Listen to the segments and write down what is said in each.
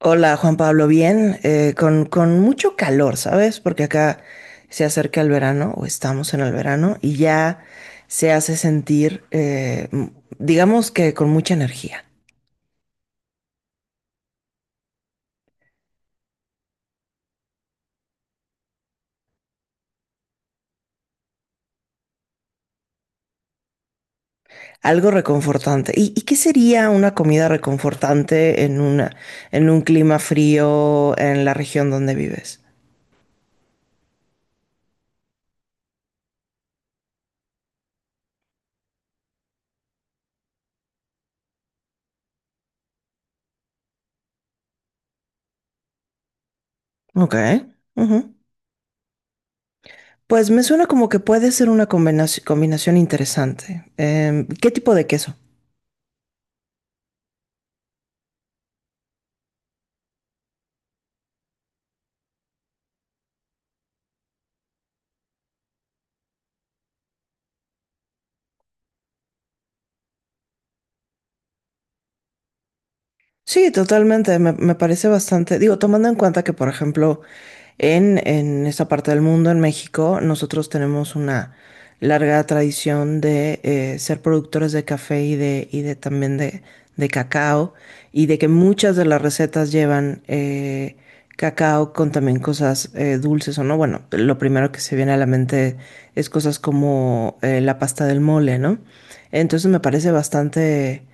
Hola Juan Pablo, bien, con mucho calor, ¿sabes? Porque acá se acerca el verano o estamos en el verano y ya se hace sentir, digamos que con mucha energía, algo reconfortante. ¿Y qué sería una comida reconfortante en en un clima frío en la región donde vives? Ok, ujú. Pues me suena como que puede ser una combinación interesante. ¿Qué tipo de queso? Sí, totalmente, me parece bastante, digo, tomando en cuenta que, por ejemplo, en esta parte del mundo, en México, nosotros tenemos una larga tradición de ser productores de café y de también de, cacao, y de que muchas de las recetas llevan cacao con también cosas dulces o no. Bueno, lo primero que se viene a la mente es cosas como la pasta del mole, ¿no? Entonces me parece bastante...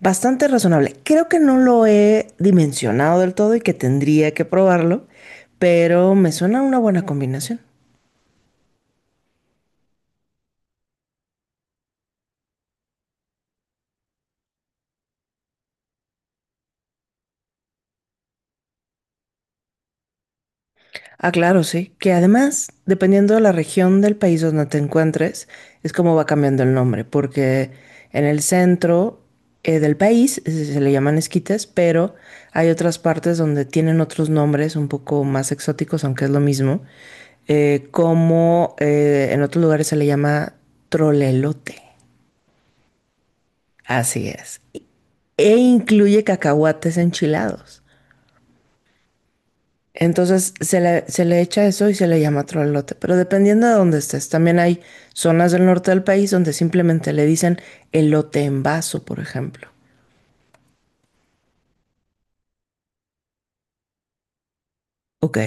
bastante razonable. Creo que no lo he dimensionado del todo y que tendría que probarlo, pero me suena una buena combinación. Ah, claro, sí. Que además, dependiendo de la región del país donde te encuentres, es como va cambiando el nombre, porque en el centro del país se le llaman esquites, pero hay otras partes donde tienen otros nombres un poco más exóticos, aunque es lo mismo, como en otros lugares se le llama trolelote. Así es. E incluye cacahuates enchilados. Entonces se le echa eso y se le llama trolote. Pero dependiendo de dónde estés, también hay zonas del norte del país donde simplemente le dicen elote en vaso, por ejemplo. Ok.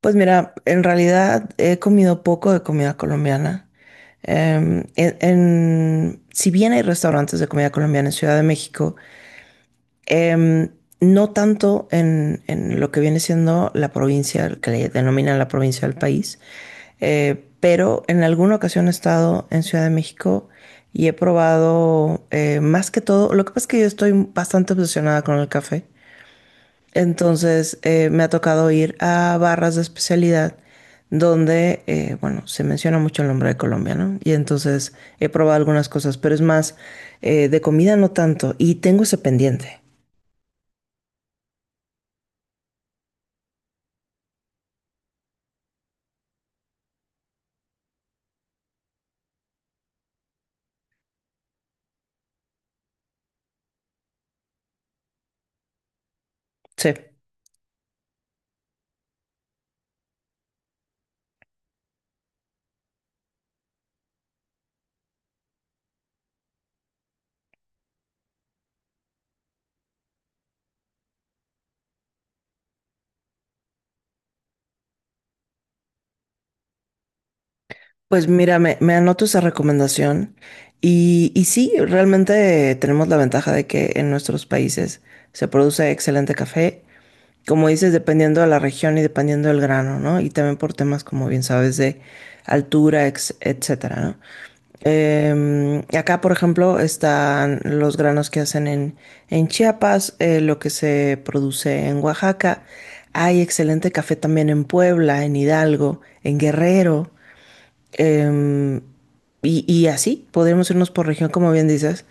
Pues mira, en realidad he comido poco de comida colombiana. Si bien hay restaurantes de comida colombiana en Ciudad de México, Em, no tanto en lo que viene siendo la provincia, que le denominan la provincia del país, pero en alguna ocasión he estado en Ciudad de México y he probado más que todo, lo que pasa es que yo estoy bastante obsesionada con el café, entonces me ha tocado ir a barras de especialidad donde, bueno, se menciona mucho el nombre de Colombia, ¿no? Y entonces he probado algunas cosas, pero es más de comida no tanto y tengo ese pendiente. Sí. Pues mira, me anoto esa recomendación y sí, realmente tenemos la ventaja de que en nuestros países se produce excelente café, como dices, dependiendo de la región y dependiendo del grano, ¿no? Y también por temas, como bien sabes, de altura, etcétera, ¿no? Acá, por ejemplo, están los granos que hacen en Chiapas, lo que se produce en Oaxaca. Hay excelente café también en Puebla, en Hidalgo, en Guerrero. Em, y así podríamos irnos por región, como bien dices.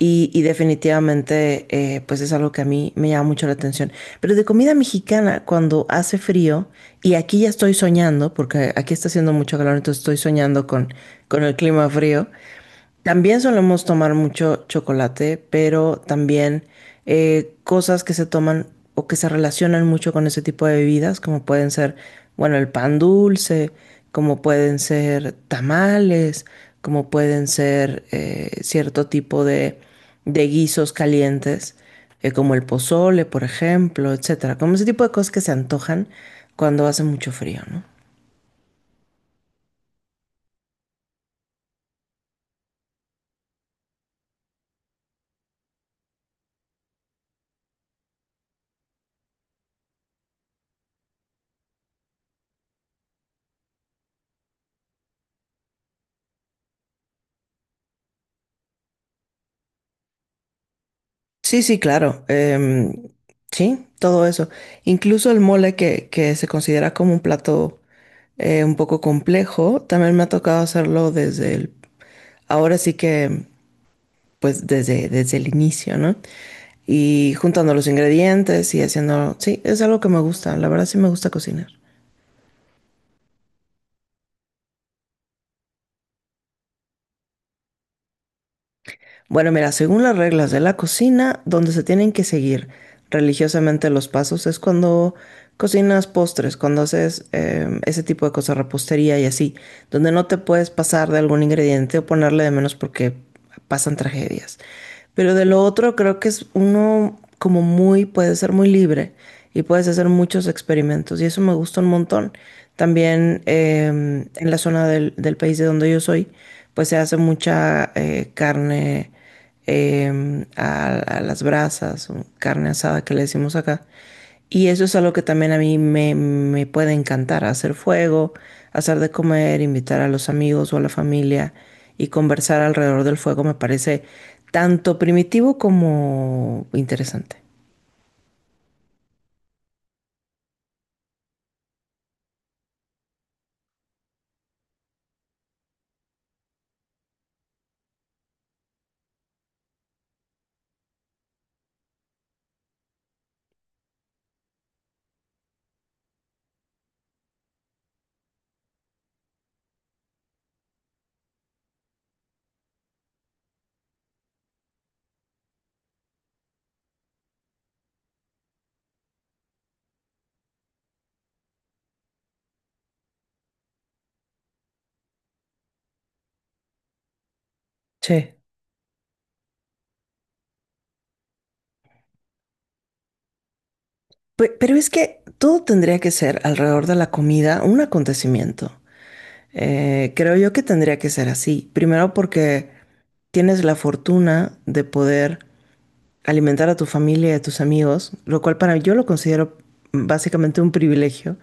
Y definitivamente, pues es algo que a mí me llama mucho la atención. Pero de comida mexicana, cuando hace frío, y aquí ya estoy soñando, porque aquí está haciendo mucho calor, entonces estoy soñando con el clima frío. También solemos tomar mucho chocolate, pero también cosas que se toman o que se relacionan mucho con ese tipo de bebidas, como pueden ser, bueno, el pan dulce, como pueden ser tamales, como pueden ser cierto tipo de guisos calientes, como el pozole, por ejemplo, etcétera. Como ese tipo de cosas que se antojan cuando hace mucho frío, ¿no? Sí, sí, claro. Sí, todo eso. Incluso el mole que se considera como un plato un poco complejo, también me ha tocado hacerlo desde ahora sí que, pues desde el inicio, ¿no? Y juntando los ingredientes y haciendo, sí, es algo que me gusta. La verdad sí me gusta cocinar. Bueno, mira, según las reglas de la cocina, donde se tienen que seguir religiosamente los pasos es cuando cocinas postres, cuando haces ese tipo de cosas, repostería y así, donde no te puedes pasar de algún ingrediente o ponerle de menos porque pasan tragedias. Pero de lo otro creo que es uno como muy, puede ser muy libre y puedes hacer muchos experimentos y eso me gusta un montón. También en la zona del país de donde yo soy, pues se hace mucha carne a las brasas, o carne asada que le decimos acá. Y eso es algo que también a mí me puede encantar, hacer fuego, hacer de comer, invitar a los amigos o a la familia y conversar alrededor del fuego me parece tanto primitivo como interesante. Sí. Pero es que todo tendría que ser alrededor de la comida un acontecimiento. Creo yo que tendría que ser así. Primero porque tienes la fortuna de poder alimentar a tu familia y a tus amigos, lo cual para mí yo lo considero básicamente un privilegio,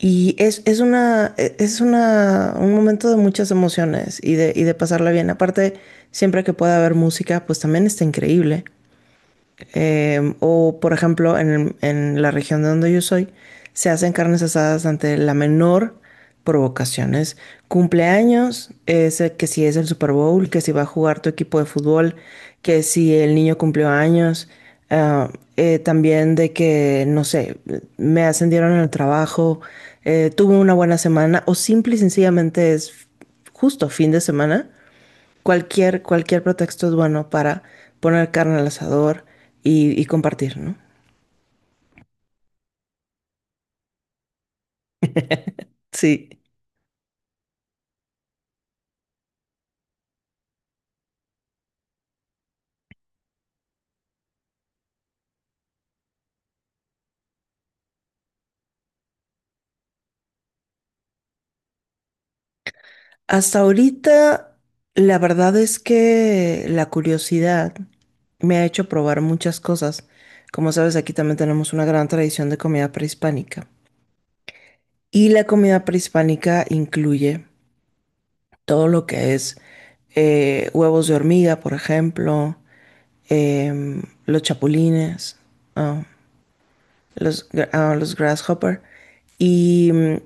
y es una, un momento de muchas emociones y de pasarla bien. Aparte, siempre que pueda haber música, pues también está increíble. Por ejemplo, en la región de donde yo soy, se hacen carnes asadas ante la menor provocación. Es cumpleaños, que si es el Super Bowl, que si va a jugar tu equipo de fútbol, que si el niño cumplió años. ah, También de que, no sé, me ascendieron en el trabajo, tuve una buena semana, o simple y sencillamente es justo fin de semana. Cualquier pretexto es bueno para poner carne al asador y compartir, ¿no? Sí. Hasta ahorita, la verdad es que la curiosidad me ha hecho probar muchas cosas. Como sabes, aquí también tenemos una gran tradición de comida prehispánica. Y la comida prehispánica incluye todo lo que es huevos de hormiga, por ejemplo, los chapulines, ah, los Grasshopper. Y mm,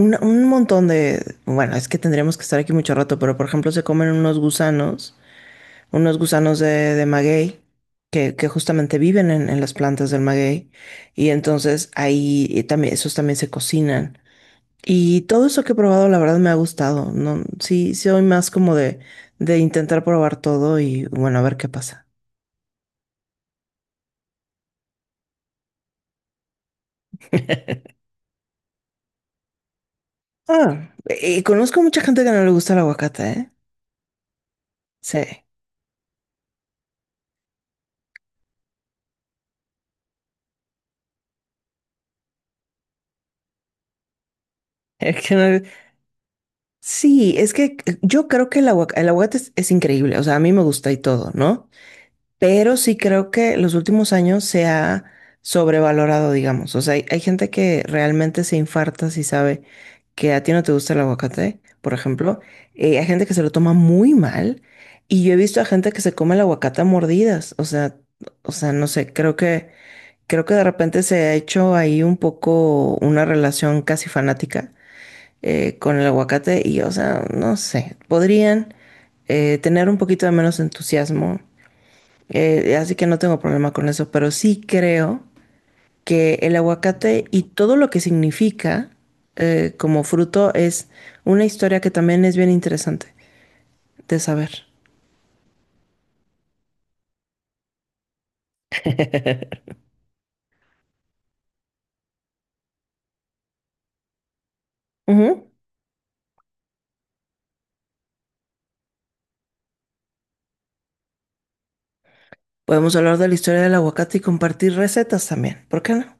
un, un montón de... Bueno, es que tendríamos que estar aquí mucho rato, pero por ejemplo se comen unos gusanos de maguey, que justamente viven en las plantas del maguey. Y entonces ahí y también, esos también se cocinan. Y todo eso que he probado, la verdad me ha gustado. No, sí, sí, soy más como de intentar probar todo y bueno, a ver qué pasa. Ah, y conozco mucha gente que no le gusta el aguacate, ¿eh? Sí. Es que no... Sí, es que yo creo que el el aguacate es increíble, o sea, a mí me gusta y todo, ¿no? Pero sí creo que los últimos años se ha sobrevalorado, digamos, o sea, hay gente que realmente se infarta si sabe que a ti no te gusta el aguacate, por ejemplo. Hay gente que se lo toma muy mal y yo he visto a gente que se come el aguacate a mordidas, o sea, no sé, creo que de repente se ha hecho ahí un poco una relación casi fanática con el aguacate y, o sea, no sé, podrían tener un poquito de menos entusiasmo, así que no tengo problema con eso, pero sí creo que el aguacate y todo lo que significa como fruto es una historia que también es bien interesante de saber. Ujú. Podemos hablar de la historia del aguacate y compartir recetas también, ¿por qué no?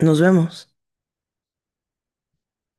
Nos vemos.